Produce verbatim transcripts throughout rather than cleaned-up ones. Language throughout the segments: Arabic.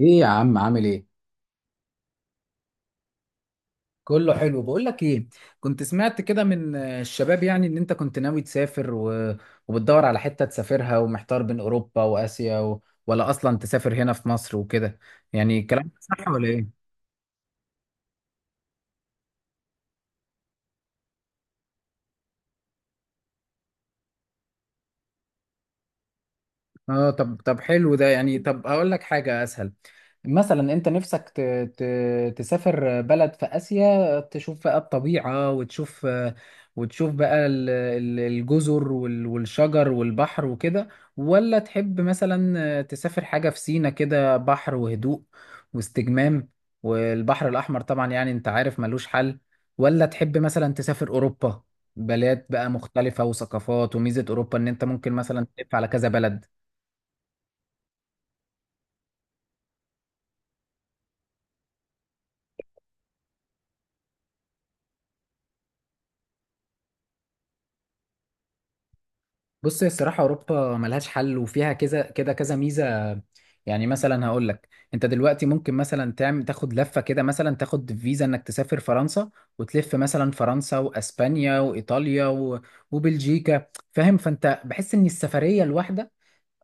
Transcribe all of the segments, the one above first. ايه يا عم عامل ايه؟ كله حلو. بقول لك ايه، كنت سمعت كده من آه، الشباب يعني ان انت كنت ناوي تسافر و... وبتدور على حتة تسافرها ومحتار بين اوروبا واسيا و... ولا اصلا تسافر هنا في مصر وكده. يعني الكلام ده صح ولا ايه؟ اه. طب طب حلو ده. يعني طب اقول لك حاجة اسهل. مثلا انت نفسك ت... ت... تسافر بلد في اسيا تشوف بقى الطبيعه وتشوف وتشوف بقى ال- ال- الجزر وال- والشجر والبحر وكده، ولا تحب مثلا تسافر حاجه في سينا، كده بحر وهدوء واستجمام، والبحر الاحمر طبعا يعني انت عارف ملوش حل، ولا تحب مثلا تسافر اوروبا بلاد بقى مختلفه وثقافات. وميزه اوروبا ان انت ممكن مثلا تلف على كذا بلد. بص، هي الصراحة أوروبا ملهاش حل وفيها كذا كده كذا ميزة. يعني مثلا هقول لك، أنت دلوقتي ممكن مثلا تعمل تاخد لفة كده، مثلا تاخد فيزا إنك تسافر فرنسا وتلف مثلا فرنسا وأسبانيا وإيطاليا و- وبلجيكا. فاهم؟ فأنت بحس إن السفرية الواحدة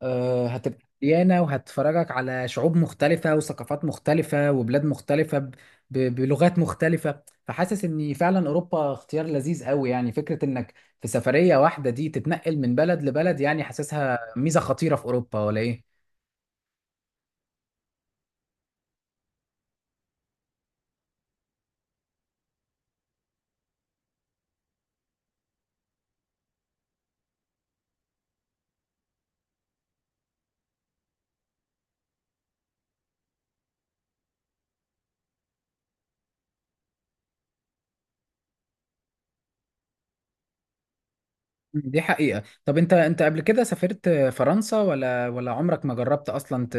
آه، هتبقى مليانة وهتفرجك على شعوب مختلفة وثقافات مختلفة وبلاد مختلفة ب- ب- بلغات مختلفة. فحاسس ان فعلا اوروبا اختيار لذيذ قوي. يعني فكرة انك في سفرية واحدة دي تتنقل من بلد لبلد، يعني حاسسها ميزة خطيرة في اوروبا ولا ايه؟ دي حقيقة. طب انت، انت قبل كده سافرت فرنسا ولا ولا عمرك ما جربت اصلا ت...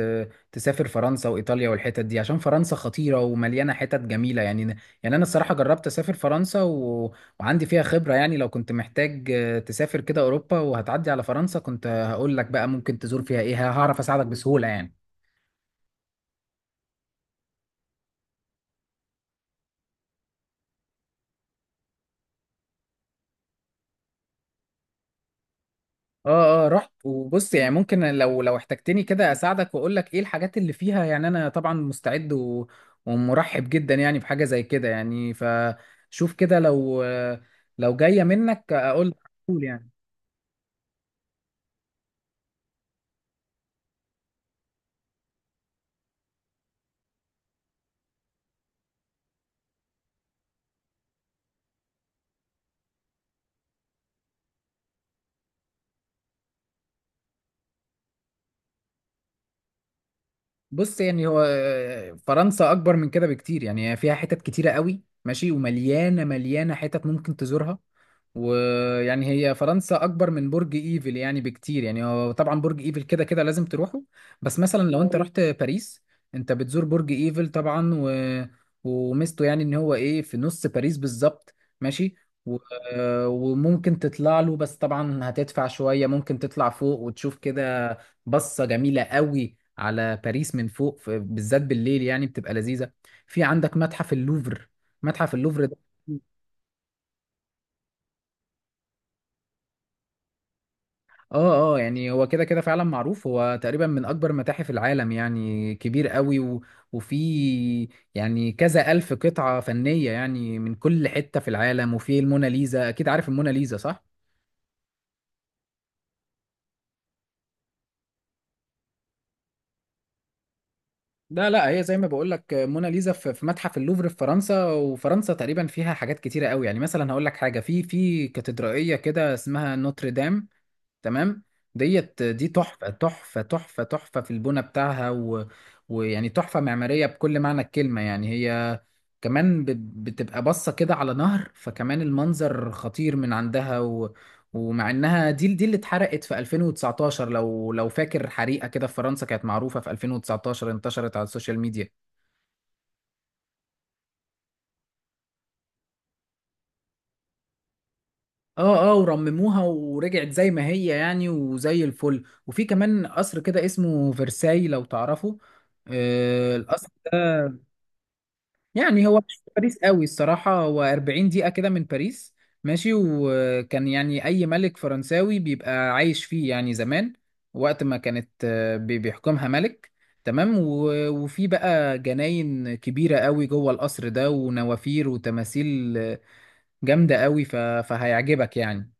تسافر فرنسا وايطاليا والحتت دي؟ عشان فرنسا خطيرة ومليانة حتت جميلة يعني. يعني انا الصراحة جربت اسافر فرنسا و... وعندي فيها خبرة. يعني لو كنت محتاج تسافر كده اوروبا وهتعدي على فرنسا كنت هقول لك بقى ممكن تزور فيها ايه، هعرف اساعدك بسهولة يعني. اه اه رحت. وبص يعني، ممكن لو لو احتجتني كده اساعدك واقول لك ايه الحاجات اللي فيها. يعني انا طبعا مستعد و... ومرحب جدا يعني بحاجة زي كده. يعني فشوف كده، لو لو جاية منك اقول لك على طول يعني. بص يعني، هو آه، فرنسا اكبر من كده بكتير. يعني هي فيها حتت كتيره قوي، ماشي، ومليانه مليانه حتت ممكن تزورها. ويعني هي فرنسا اكبر من برج ايفل يعني بكتير. يعني هو طبعا برج ايفل كده كده لازم تروحه. بس مثلا لو انت رحت باريس، انت بتزور برج ايفل طبعا، و... وميزته يعني ان هو ايه، في نص باريس بالظبط، ماشي. و... آه، وممكن تطلع له، بس طبعا هتدفع شويه، ممكن تطلع فوق وتشوف كده بصة جميلة قوي على باريس من فوق، ف- بالذات بالليل يعني بتبقى لذيذة. في عندك متحف اللوفر. متحف اللوفر ده، اه اه، يعني هو كده كده فعلا معروف، هو تقريبا من اكبر متاحف العالم، يعني كبير قوي و... وفي يعني كذا الف قطعة فنية يعني من كل حتة في العالم. وفي الموناليزا، اكيد عارف الموناليزا صح؟ لا لا، هي زي ما بقول لك، موناليزا في في متحف اللوفر في فرنسا. وفرنسا تقريبا فيها حاجات كتيره قوي. يعني مثلا هقول لك حاجه، في في كاتدرائيه كده اسمها نوتردام، تمام؟ ديت دي تحفة تحفة تحفة تحفة في البنى بتاعها و... ويعني تحفة معمارية بكل معنى الكلمة. يعني هي كمان بت... بتبقى باصة كده على نهر، فكمان المنظر خطير من عندها. و... ومع انها دي دي اللي اتحرقت في الفين وتسعة عشر، لو لو فاكر حريقة كده في فرنسا، كانت معروفة في الفين وتسعتاشر، انتشرت على السوشيال ميديا. اه اه، ورمموها ورجعت زي ما هي يعني وزي الفل. وفي كمان قصر كده اسمه فرساي، لو تعرفه؟ آه، القصر ده يعني هو مش في باريس قوي الصراحة، هو اربعين دقيقة كده من باريس، ماشي. وكان يعني أي ملك فرنساوي بيبقى عايش فيه يعني زمان، وقت ما كانت آه، بي- بيحكمها ملك. تمام؟ و- وفي بقى جناين كبيرة قوي جوه القصر ده، ونوافير وتماثيل آه، جامدة قوي، ف- فهيعجبك يعني.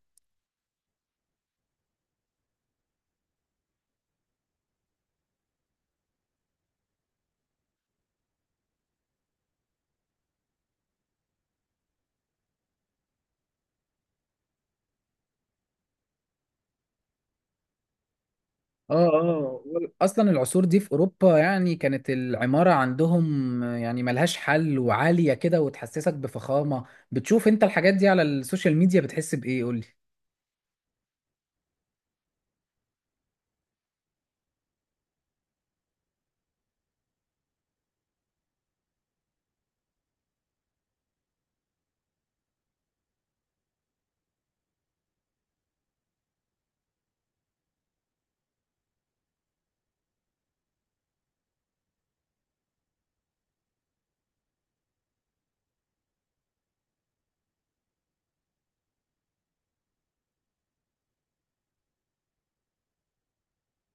اه اه، وال- اصلا العصور دي في اوروبا يعني كانت العماره عندهم يعني ملهاش حل، وعاليه كده وتحسسك بفخامه. بتشوف انت الحاجات دي على السوشيال ميديا بتحس بايه، قول لي؟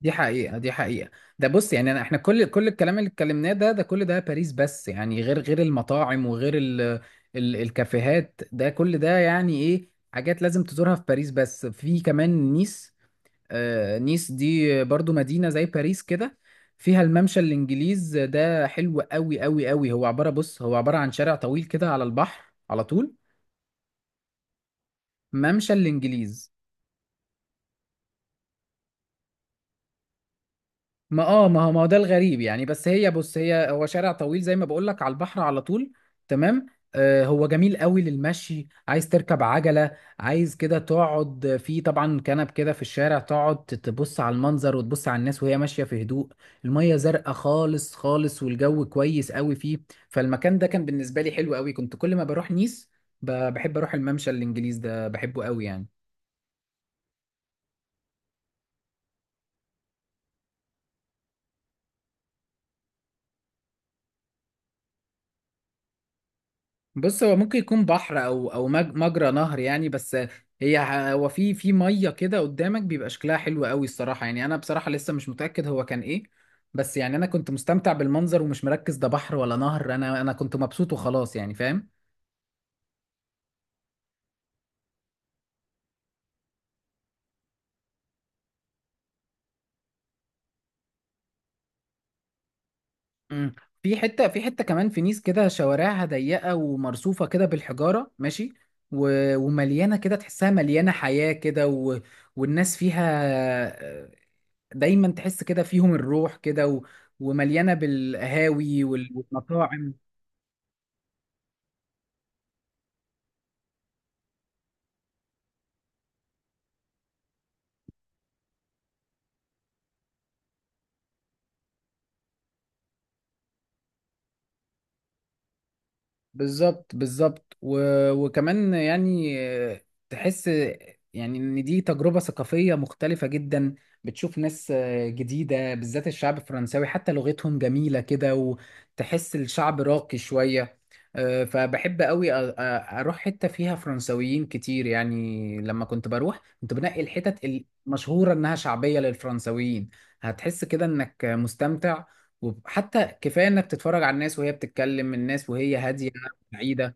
دي حقيقه، دي حقيقه. ده بص يعني، أنا- احنا كل كل الكلام اللي اتكلمناه ده، ده كل ده باريس بس يعني، غير غير المطاعم وغير ال ال الكافيهات. ده كل ده يعني ايه، حاجات لازم تزورها في باريس. بس في كمان نيس. آه، نيس دي برضو مدينة زي باريس كده، فيها الممشى الإنجليز، ده حلو قوي قوي قوي. هو عبارة، بص، هو عبارة عن شارع طويل كده على البحر على طول. ممشى الإنجليز، ما اه ما هو ما هو ده الغريب يعني. بس هي بص، هي هو شارع طويل زي ما بقول لك على البحر على طول، تمام؟ آه، هو جميل قوي للمشي، عايز تركب عجلة، عايز كده تقعد في طبعا كنب كده في الشارع، تقعد تبص على المنظر وتبص على الناس وهي ماشية في هدوء. المية زرقاء خالص خالص، والجو كويس قوي فيه. فالمكان ده كان بالنسبة لي حلو قوي، كنت كل ما بروح نيس ب- بحب اروح الممشى الانجليز ده، بحبه قوي يعني. بص، هو ممكن يكون بحر او او مج- مجرى نهر يعني. بس هي ه- هو في في ميه كده قدامك بيبقى شكلها حلو قوي الصراحه. يعني انا بصراحه لسه مش متاكد هو كان ايه، بس يعني انا كنت مستمتع بالمنظر ومش مركز ده بحر ولا نهر. انا انا كنت مبسوط وخلاص يعني، فاهم؟ مم. في حته، في حته كمان في نيس كده شوارعها ضيقه ومرصوفه كده بالحجاره، ماشي، و... ومليانه كده، تحسها مليانه حياه كده و... والناس فيها دايما تحس كده فيهم الروح كده و... ومليانه بالقهاوي وال- والمطاعم. بالظبط، بالظبط. و... وكمان يعني آه، تحس يعني ان دي تجربة ثقافية مختلفة جدا، بتشوف ناس آه، جديدة. بالذات الشعب الفرنساوي، حتى لغتهم جميلة كده وتحس الشعب راقي شوية. آه، فبحب قوي أ- أ- اروح حتة فيها فرنساويين كتير. يعني لما كنت بروح كنت بنقي الحتت المشهورة انها شعبية للفرنساويين، هتحس كده انك مستمتع. وحتى كفايه انك تتفرج على الناس وهي بتتكلم، الناس وهي هاديه بعيدة.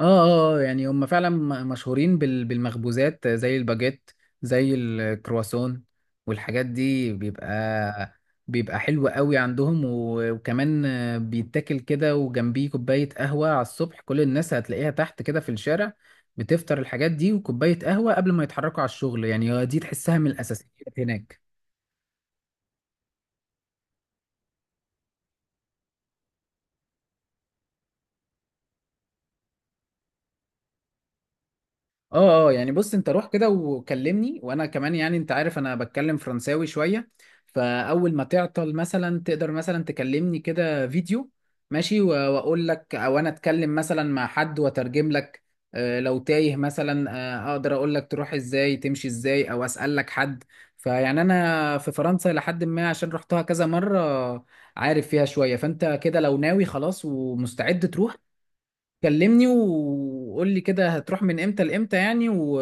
اه اه، آه، يعني هم فعلا م- مشهورين بال- بالمخبوزات زي الباجيت، زي الكرواسون والحاجات دي، بيبقى بيبقى حلو قوي عندهم. و- وكمان آه، بيتاكل كده وجنبيه كوباية قهوة على الصبح، كل الناس هتلاقيها تحت كده في الشارع بتفطر الحاجات دي وكوباية قهوة قبل ما يتحركوا على الشغل. يعني دي تحسها من الأساسيات هناك. اه اه، يعني بص انت روح كده وكلمني، وانا كمان يعني انت عارف انا بتكلم فرنساوي شوية. فاول ما تعطل مثلا تقدر مثلا تكلمني كده فيديو، ماشي، و- واقول لك، او انا اتكلم مثلا مع حد واترجم لك. آه، لو تايه مثلا، آه، اقدر اقول لك تروح ازاي، تمشي ازاي، او اسال لك حد. فيعني انا في فرنسا لحد ما، عشان رحتها كذا مرة، عارف فيها شوية. فانت كده لو ناوي خلاص ومستعد تروح كلمني وقول لي كده هتروح من امتى لامتى يعني، و...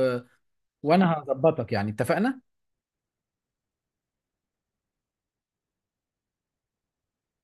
وانا هظبطك يعني، اتفقنا؟